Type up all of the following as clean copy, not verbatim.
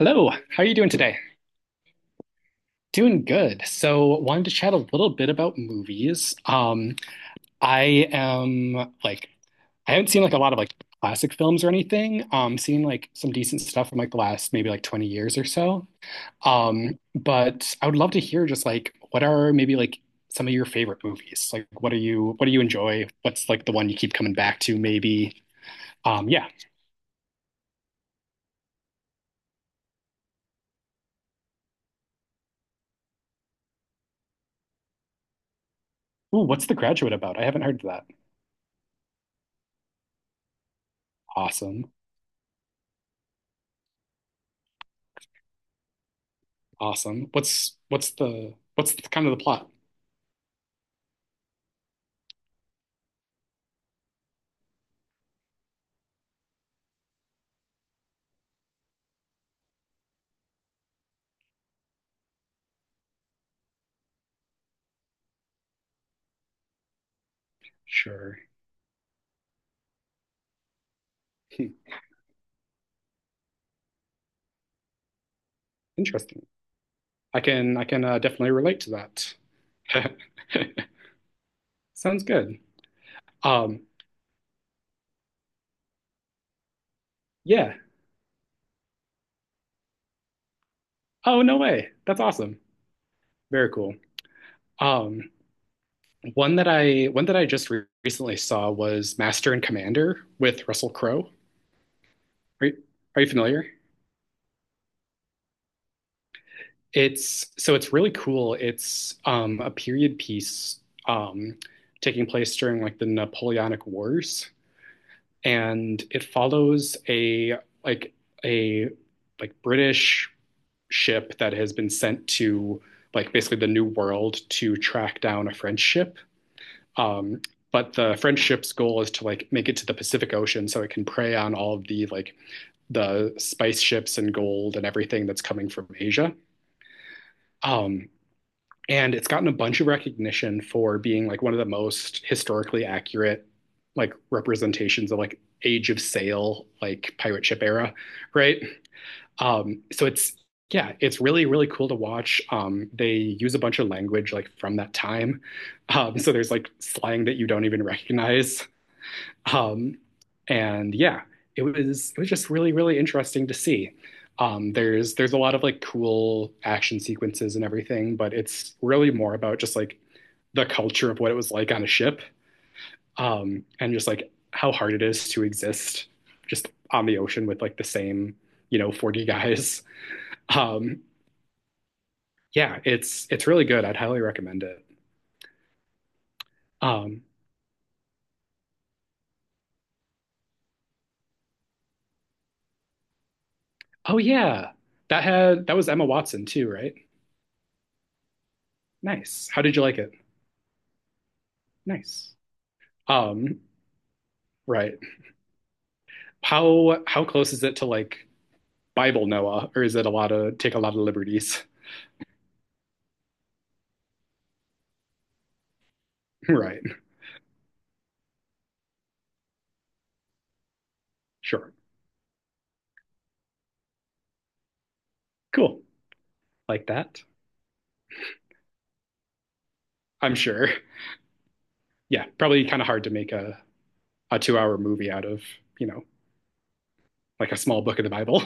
Hello, how are you doing today? Doing good. So, wanted to chat a little bit about movies. I am like I haven't seen like a lot of like classic films or anything. Seen like some decent stuff from like the last maybe like 20 years or so. But I would love to hear just like what are maybe like some of your favorite movies? Like what do you enjoy? What's like the one you keep coming back to maybe? Yeah. Ooh, what's The Graduate about? I haven't heard of that. Awesome. Awesome. What's kind of the plot? Sure. Hmm. Interesting. I can definitely relate to that. Sounds good. Um, yeah. Oh, no way. That's awesome. Very cool. Um, one that I just re recently saw was Master and Commander with Russell Crowe. Are you, are you familiar? It's really cool. It's a period piece um, taking place during like the Napoleonic Wars, and it follows like a like British ship that has been sent to like basically the New World to track down a French ship. Um, but the French ship's goal is to like make it to the Pacific Ocean so it can prey on all of the like the spice ships and gold and everything that's coming from Asia. Um, and it's gotten a bunch of recognition for being like one of the most historically accurate like representations of like age of sail like pirate ship era, right? So it's yeah, it's really really cool to watch. They use a bunch of language like from that time. So there's like slang that you don't even recognize. um, and yeah, it was just really really interesting to see. There's a lot of like cool action sequences and everything, but it's really more about just like the culture of what it was like on a ship, and just like how hard it is to exist just on the ocean with like the same, you know, 40 guys. Um, yeah, it's really good. I'd highly recommend it. Um, oh yeah. That had that was Emma Watson too, right? Nice. How did you like it? Nice. Um, right. How close is it to like Bible Noah, or is it a lot of liberties? Right. Sure. Cool. Like that. I'm sure. Yeah, probably kind of hard to make a 2 hour movie out of, you know, like a small book of the Bible.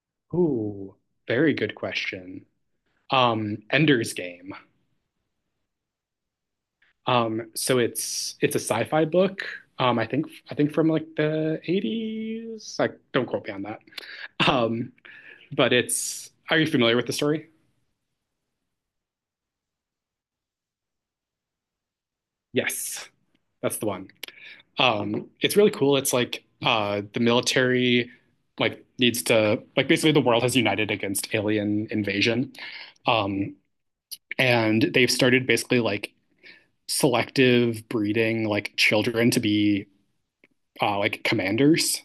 Ooh, very good question. Ender's Game. So it's a sci-fi book. Um, I think from like the 80s. Like, don't quote me on that. Um, but it's. Are you familiar with the story? Yes, that's the one. It's really cool. It's like the military like needs to like basically the world has united against alien invasion. Um, and they've started basically like selective breeding like children to be like commanders.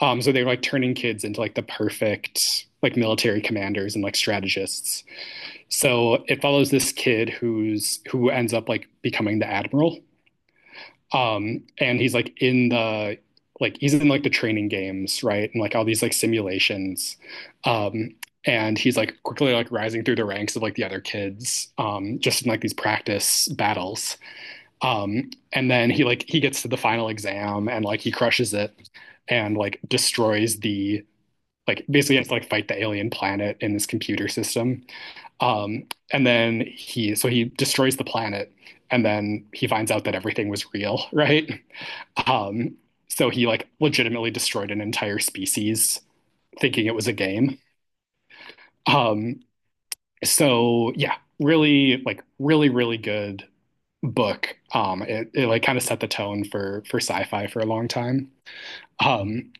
So they're like turning kids into like the perfect like military commanders and like strategists. So it follows this kid who ends up like becoming the admiral. And he's like in the like he's in like the training games, right? And like all these like simulations. Um, and he's like quickly like rising through the ranks of like the other kids, just in like these practice battles. And then he gets to the final exam and like he crushes it and like destroys the like basically has to like fight the alien planet in this computer system. Um, and then he destroys the planet and then he finds out that everything was real, right? Um, so he like legitimately destroyed an entire species thinking it was a game. Um, so yeah, really really good book. It like kind of set the tone for sci-fi for a long time. Um,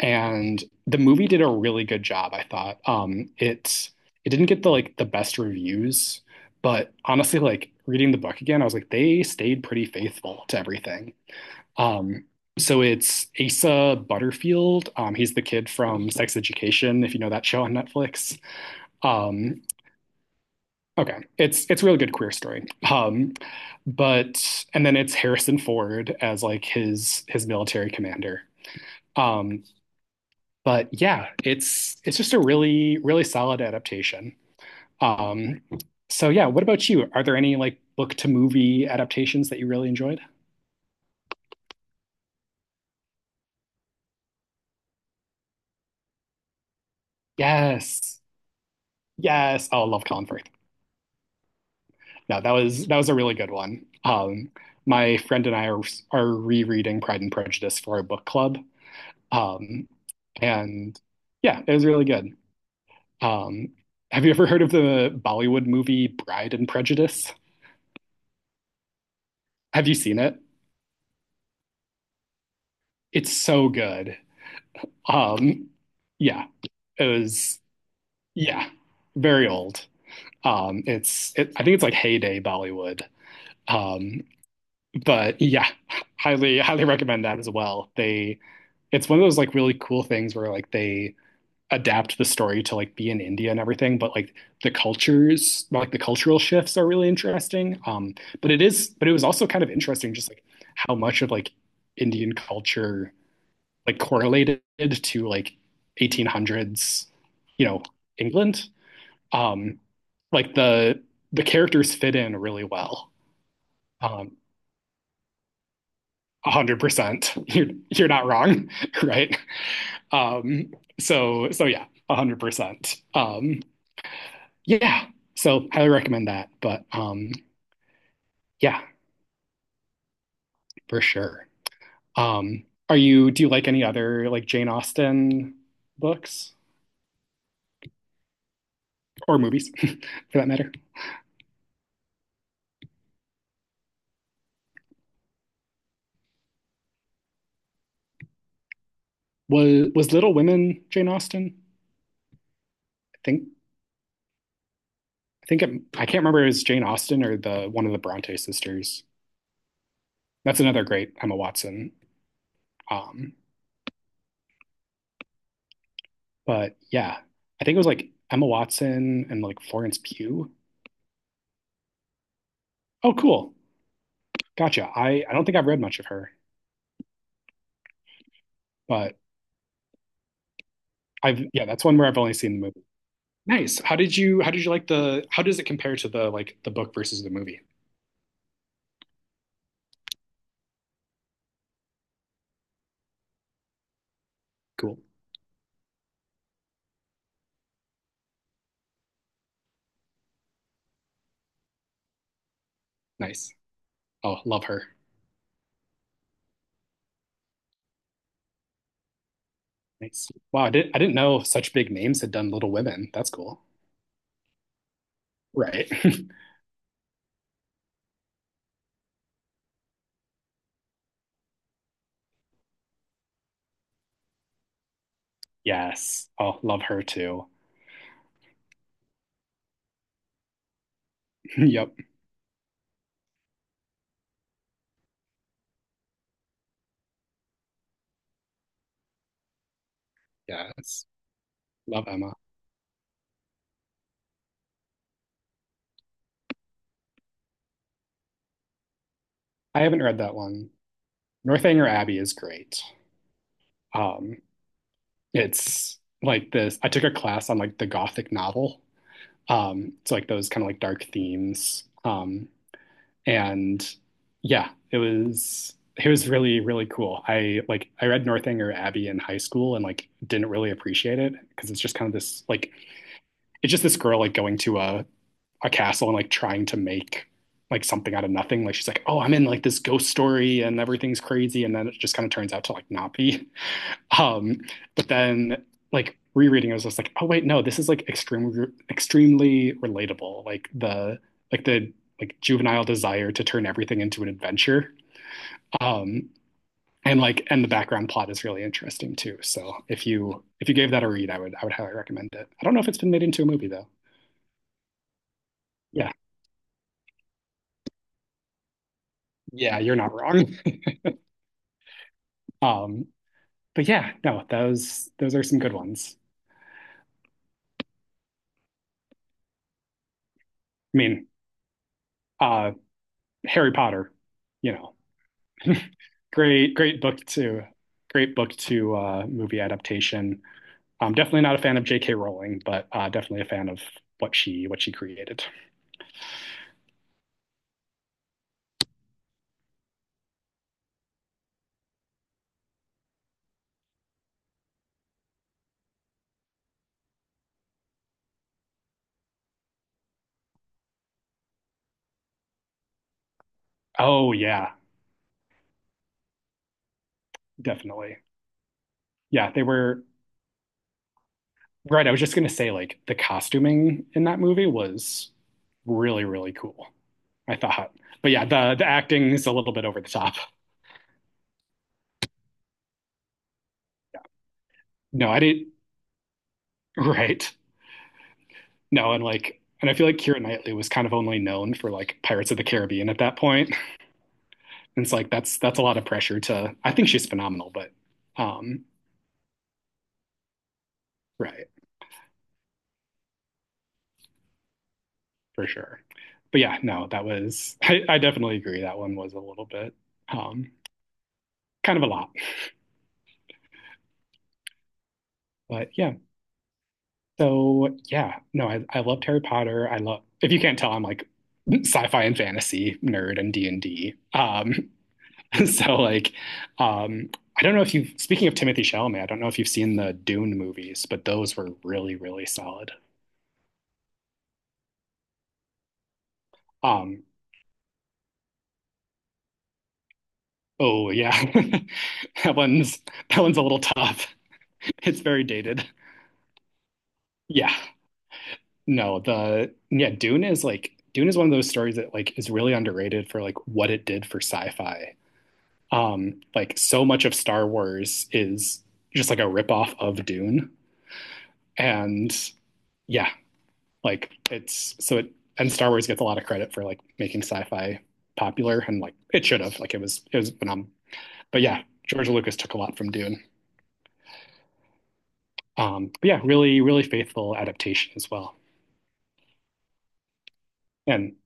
and the movie did a really good job, I thought. It it didn't get the best reviews, but honestly, like reading the book again, I was like they stayed pretty faithful to everything. Um, so it's Asa Butterfield. He's the kid from Sex Education, if you know that show on Netflix. Um, okay, it's a really good queer story. But And then it's Harrison Ford as like his military commander. Um, but yeah, it's just a really really solid adaptation. Um, so yeah, what about you? Are there any like book to movie adaptations that you really enjoyed? Yes, yes. Oh, I love Colin Firth. No, that was a really good one. My friend and I are rereading Pride and Prejudice for our book club. Um, and yeah, it was really good. Um, have you ever heard of the Bollywood movie Bride and Prejudice? Have you seen it? It's so good. Um, yeah, it was yeah, very old. I think it's like heyday Bollywood. Um, but yeah, highly highly recommend that as well. They It's one of those like really cool things where like they adapt the story to like be in India and everything, but like the cultures, like the cultural shifts are really interesting. But it was also kind of interesting just like how much of like Indian culture like correlated to like 1800s, you know, England. Um, like the characters fit in really well. Um, 100%. You're not wrong, right? Um, so yeah, 100%. Yeah. So highly recommend that. But yeah, for sure. Are you do you like any other like Jane Austen books or movies for that matter? Was Little Women Jane Austen? I think I can't remember if it was Jane Austen or the one of the Bronte sisters. That's another great Emma Watson. Um, but yeah, I think it was like Emma Watson and like Florence Pugh. Oh, cool. Gotcha. I don't think I've read much of her, but I've yeah, that's one where I've only seen the movie. Nice. How did you like the How does it compare to the like the book versus the movie? Cool. Nice. Oh, love her. Nice. Wow, I didn't know such big names had done Little Women. That's cool. Right. Yes. Oh, love her too. Yep. Yes. Love Emma. I haven't read that one. Northanger Abbey is great. Um, it's like this. I took a class on like the Gothic novel. It's like those kind of like dark themes. And yeah, it was really really cool. I read Northanger Abbey in high school and like didn't really appreciate it because it's just kind of this like it's just this girl like going to a castle and like trying to make like something out of nothing. Like she's like, oh, I'm in like this ghost story and everything's crazy, and then it just kind of turns out to like not be. Um, but then like rereading, I was just like, oh wait, no, this is like extremely extremely relatable. Like the juvenile desire to turn everything into an adventure. Um, and like and the background plot is really interesting too. So if you gave that a read, I would highly recommend it. I don't know if it's been made into a movie though. Yeah, yeah, you're not wrong. Um, but yeah, no, those are some good ones. I mean, uh, Harry Potter, you know. Great, great book to great book to movie adaptation. I'm definitely not a fan of J.K. Rowling, but definitely a fan of what she created. Oh yeah, definitely. Yeah, they were right. I was just gonna say like the costuming in that movie was really really cool. I thought, but yeah, the acting is a little bit over the top. No, I didn't. Right. No, and like, and I feel like Keira Knightley was kind of only known for like Pirates of the Caribbean at that point. And it's like that's a lot of pressure to I think she's phenomenal, but um right, for sure. But yeah, no, that was I definitely agree that one was a little bit um kind of a lot. But yeah. So yeah, no, I loved Harry Potter. I love if you can't tell, I'm like sci-fi and fantasy nerd and D&D. So like um I don't know if you've speaking of Timothy Chalamet, I don't know if you've seen the Dune movies, but those were really, really solid. Um, Oh yeah. That one's that one's a little tough. It's very dated. Yeah. No, Dune is like Dune is one of those stories that like is really underrated for like what it did for sci-fi. Like so much of Star Wars is just like a ripoff of Dune. And yeah, like it's so it and Star Wars gets a lot of credit for like making sci-fi popular and like it should have. Like it was phenomenal. But yeah, George Lucas took a lot from Dune. But yeah, really, really faithful adaptation as well. And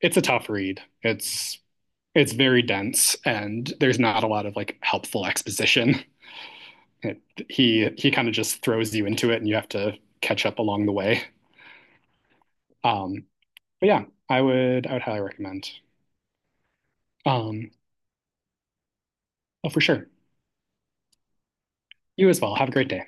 it's a tough read. It's very dense, and there's not a lot of like helpful exposition. It, He kind of just throws you into it, and you have to catch up along the way. Um, but yeah, I would highly recommend. Um, oh, for sure. You as well. Have a great day.